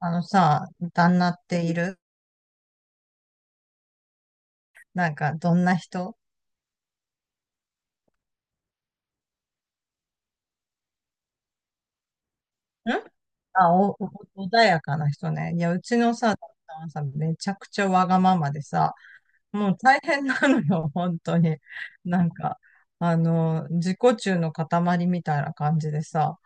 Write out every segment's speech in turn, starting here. あのさ、旦那っている？なんか、どんな人？ん、あ、お、お穏やかな人ね。いや、うちのさ、旦那はさ、めちゃくちゃわがままでさ、もう大変なのよ、本当に。なんか、自己中の塊みたいな感じでさ、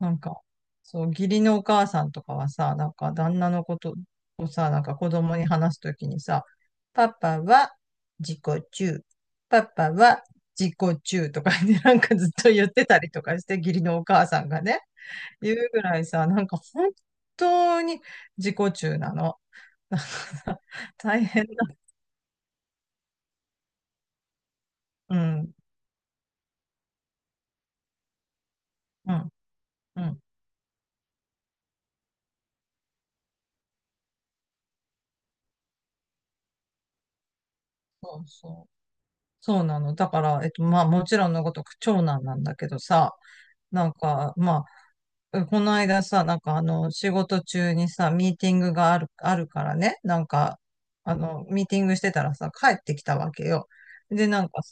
なんか、そう、義理のお母さんとかはさ、なんか旦那のことをさ、なんか子供に話すときにさ、パパは自己中、パパは自己中とかね、なんかずっと言ってたりとかして、義理のお母さんがね、言うぐらいさ、なんか本当に自己中なの。なんかさ大変だ。うん、うん、うん。そうそう。そうなの。だから、まあもちろんのごとく長男なんだけどさ、なんか、まあうん、この間さ、なんか仕事中にさ、ミーティングがあるからね、なんか、ミーティングしてたらさ、帰ってきたわけよ。で、なんかさ、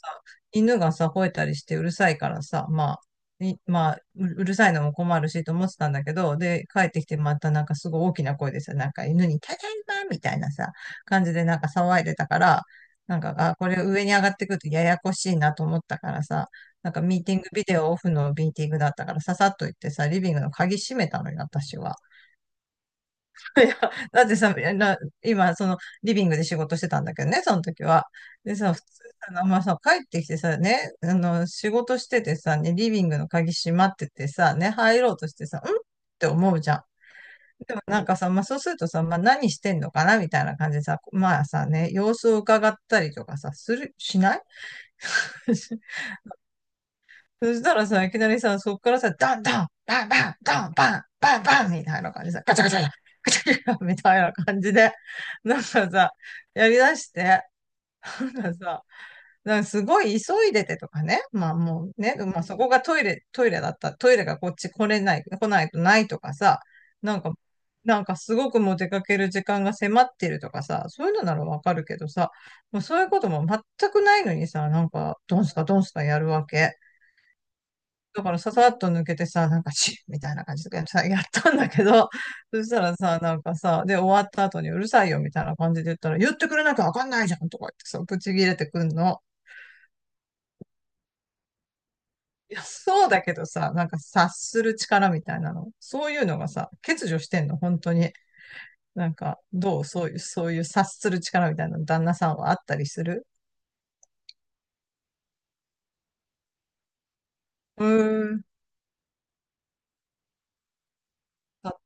犬がさ、吠えたりしてうるさいからさ、まあ、ううるさいのも困るしと思ってたんだけど、で、帰ってきてまたなんかすごい大きな声でさ、なんか犬にただいまみたいなさ、感じでなんか騒いでたから、なんか、あ、これ上に上がってくるとややこしいなと思ったからさ、なんかミーティング、ビデオオフのミーティングだったから、ささっと行ってさ、リビングの鍵閉めたのよ、私は。いや、だってさ、な今、その、リビングで仕事してたんだけどね、その時は。でさ、普通さ、あまあさ、帰ってきてさ、ね、仕事しててさ、ね、リビングの鍵閉まっててさ、ね、入ろうとしてさ、んって思うじゃん。でもなんかさ、まあそうするとさ、まあ何してんのかなみたいな感じでさ、まあさね、様子を伺ったりとかさ、する、しない？ そしたらさ、いきなりさ、そっからさ、ダンダン、バンバン、ダンバン、バンバンみたいな感じでさ、ガチャガチャガチャ、ガチャガチャみたいな感じで、なんかさ、やりだして、なんかさ、なんかすごい急いでてとかね、まあもうね、まあそこがトイレがこっち来れない、来ないとないとかさ、なんか、なんかすごくもう出かける時間が迫ってるとかさ、そういうのならわかるけどさ、もうそういうことも全くないのにさ、なんか、ドンスカドンスカやるわけ。だからささっと抜けてさ、なんかチッみたいな感じでさ、やったんだけど、そしたらさ、なんかさ、で、終わった後にうるさいよみたいな感じで言ったら、言ってくれなきゃわかんないじゃんとか言ってさ、ぶち切れてくんの。いや、そうだけどさ、なんか察する力みたいなの。そういうのがさ、欠如してんの、本当に。なんか、どうそういう察する力みたいなの旦那さんはあったりする？うーん。た、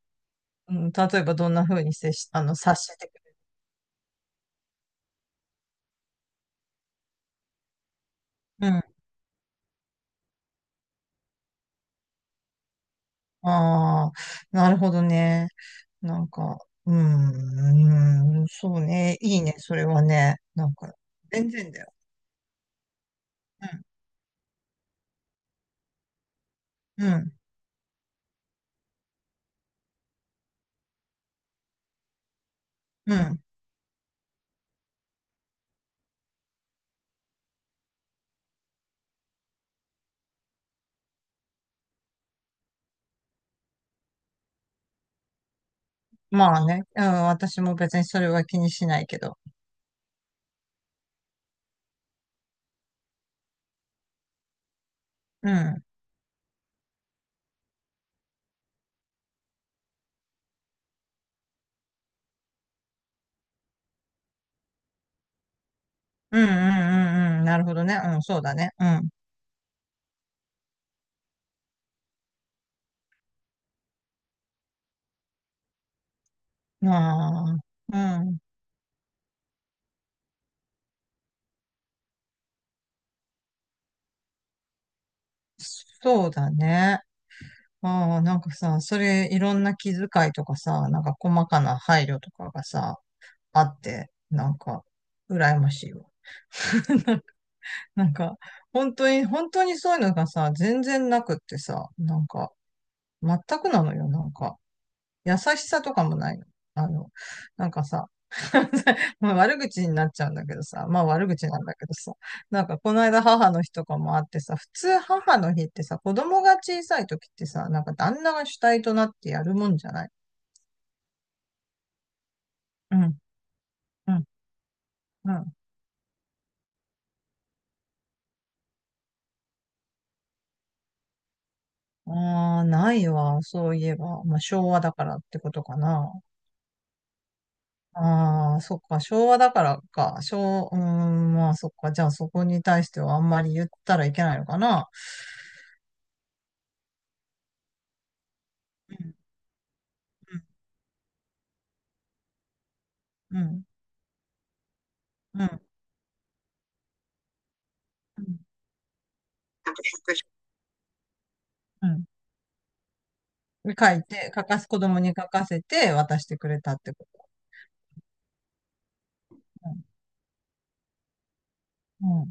うん、例えばどんな風に接し、察してくれる？うん。ああ、なるほどね。なんか、そうね。いいね、それはね。なんか、全然だよ。うん、うん、うん。まあね、うん、私も別にそれは気にしないけど。うん、うん、うん、うん、うん、なるほどね。うん、そうだね。うん。まあ、うん、そうだね。ああ、なんかさ、それいろんな気遣いとかさ、なんか細かな配慮とかがさ、あって、なんか、羨ましいわ。なんか、本当に、本当にそういうのがさ、全然なくってさ、なんか、全くなのよ、なんか。優しさとかもないの。あの、なんかさ、まあ悪口になっちゃうんだけどさ、まあ悪口なんだけどさ、なんかこの間母の日とかもあってさ、普通母の日ってさ、子供が小さい時ってさ、なんか旦那が主体となってやるもんじゃない？うん、うん、うん。ああ、ないわ、そういえば。まあ昭和だからってことかな。ああ、そっか、昭和だからか。昭、うーん、まあそっか。じゃあそこに対してはあんまり言ったらいけないのかな。うん、うん、うん、うん。うん、うん、書いて、書かす、子供に書かせて渡してくれたってこと。うん。う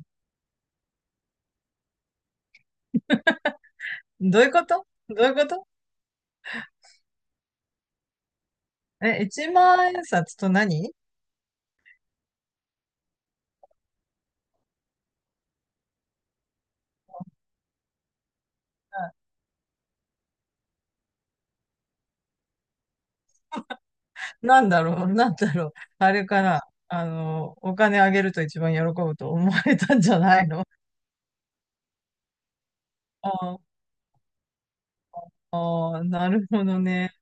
ん、どういうこと？どういうこと？え、一万円札と何？なんだろう、なんだろう。あれかな。お金あげると一番喜ぶと思われたんじゃないの？ ああー、なるほどね。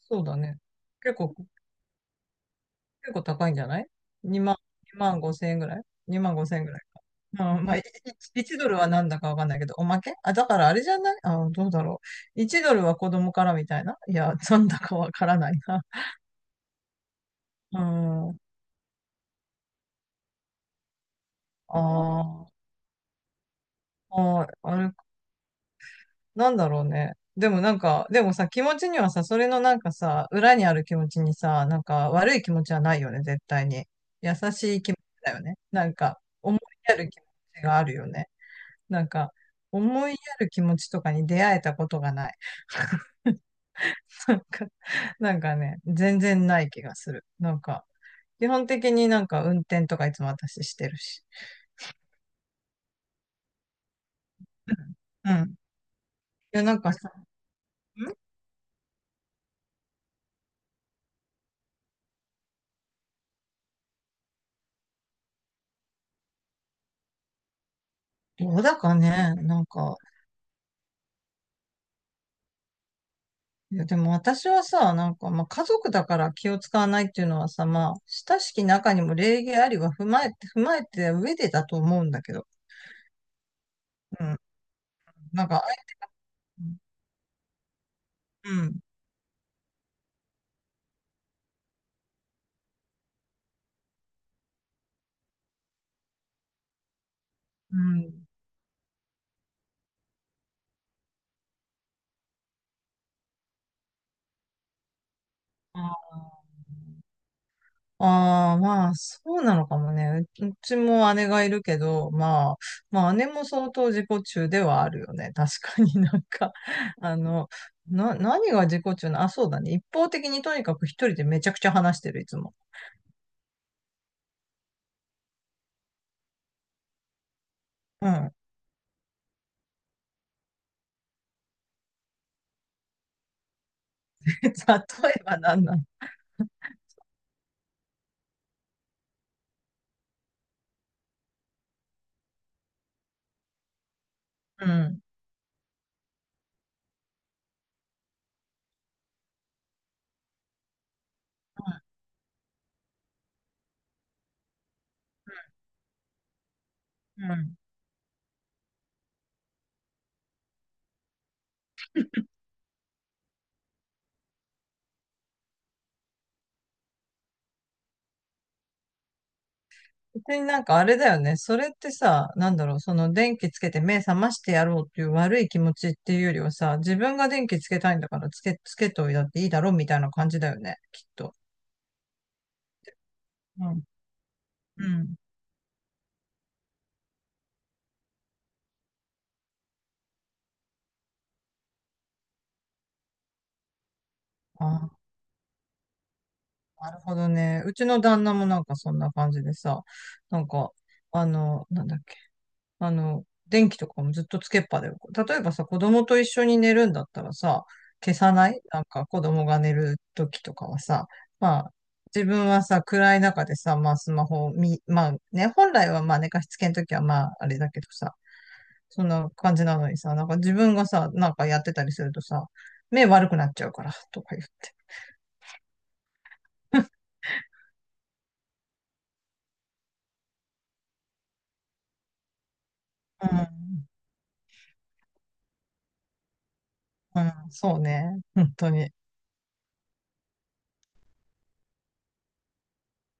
そうだね。結構、結構高いんじゃない？ 2 万、2万5千円ぐらい？ 2 万5千円ぐらいか。うん、まあ、いい1、ドルはなんだかわかんないけど、おまけあ、だからあれじゃない？あ、どうだろう。1ドルは子供からみたいな？いや、なんだかわからないな。うん。ああ、ああ、あれ、なんだろうね。でもなんか、でもさ、気持ちにはさ、それのなんかさ、裏にある気持ちにさ、なんか悪い気持ちはないよね、絶対に。優しい気持ちだよね。なんか、思いやる気持ちがあるよね。なんか、思いやる気持ちとかに出会えたことがない。なんか、なんかね、全然ない気がする。なんか、基本的になんか運転とかいつも私してるし。うん。うん、いや、なんかさ、ん、どうだかね、なんか、いや、でも私はさ、なんか、まあ、家族だから気を使わないっていうのはさ、まあ、親しき中にも礼儀ありは踏まえて上でだと思うんだけど。うん。なんか、あい、うん。うん。あー、ああ、まあ、そうなのかもね。う、うちも姉がいるけど、まあ、まあ、姉も相当自己中ではあるよね。確かになんか、あの、な、何が自己中な、あ、そうだね。一方的にとにかく一人でめちゃくちゃ話してる、いつも。うん。例えば何なの？うん。うん。うん。別になんかあれだよね。それってさ、なんだろう、その電気つけて目覚ましてやろうっていう悪い気持ちっていうよりはさ、自分が電気つけたいんだからつけといたっていいだろうみたいな感じだよね、きっと。うん。うん。あ、なるほどね。うちの旦那もなんかそんな感じでさ、なんか、なんだっけ？電気とかもずっとつけっぱだよ。例えばさ、子供と一緒に寝るんだったらさ、消さない？なんか子供が寝る時とかはさ、まあ、自分はさ、暗い中でさ、まあスマホを見、まあね、本来はまあ寝かしつけの時はまああれだけどさ、そんな感じなのにさ、なんか自分がさ、なんかやってたりするとさ、目悪くなっちゃうから、とか言って。うん、うん、そうね、本当に。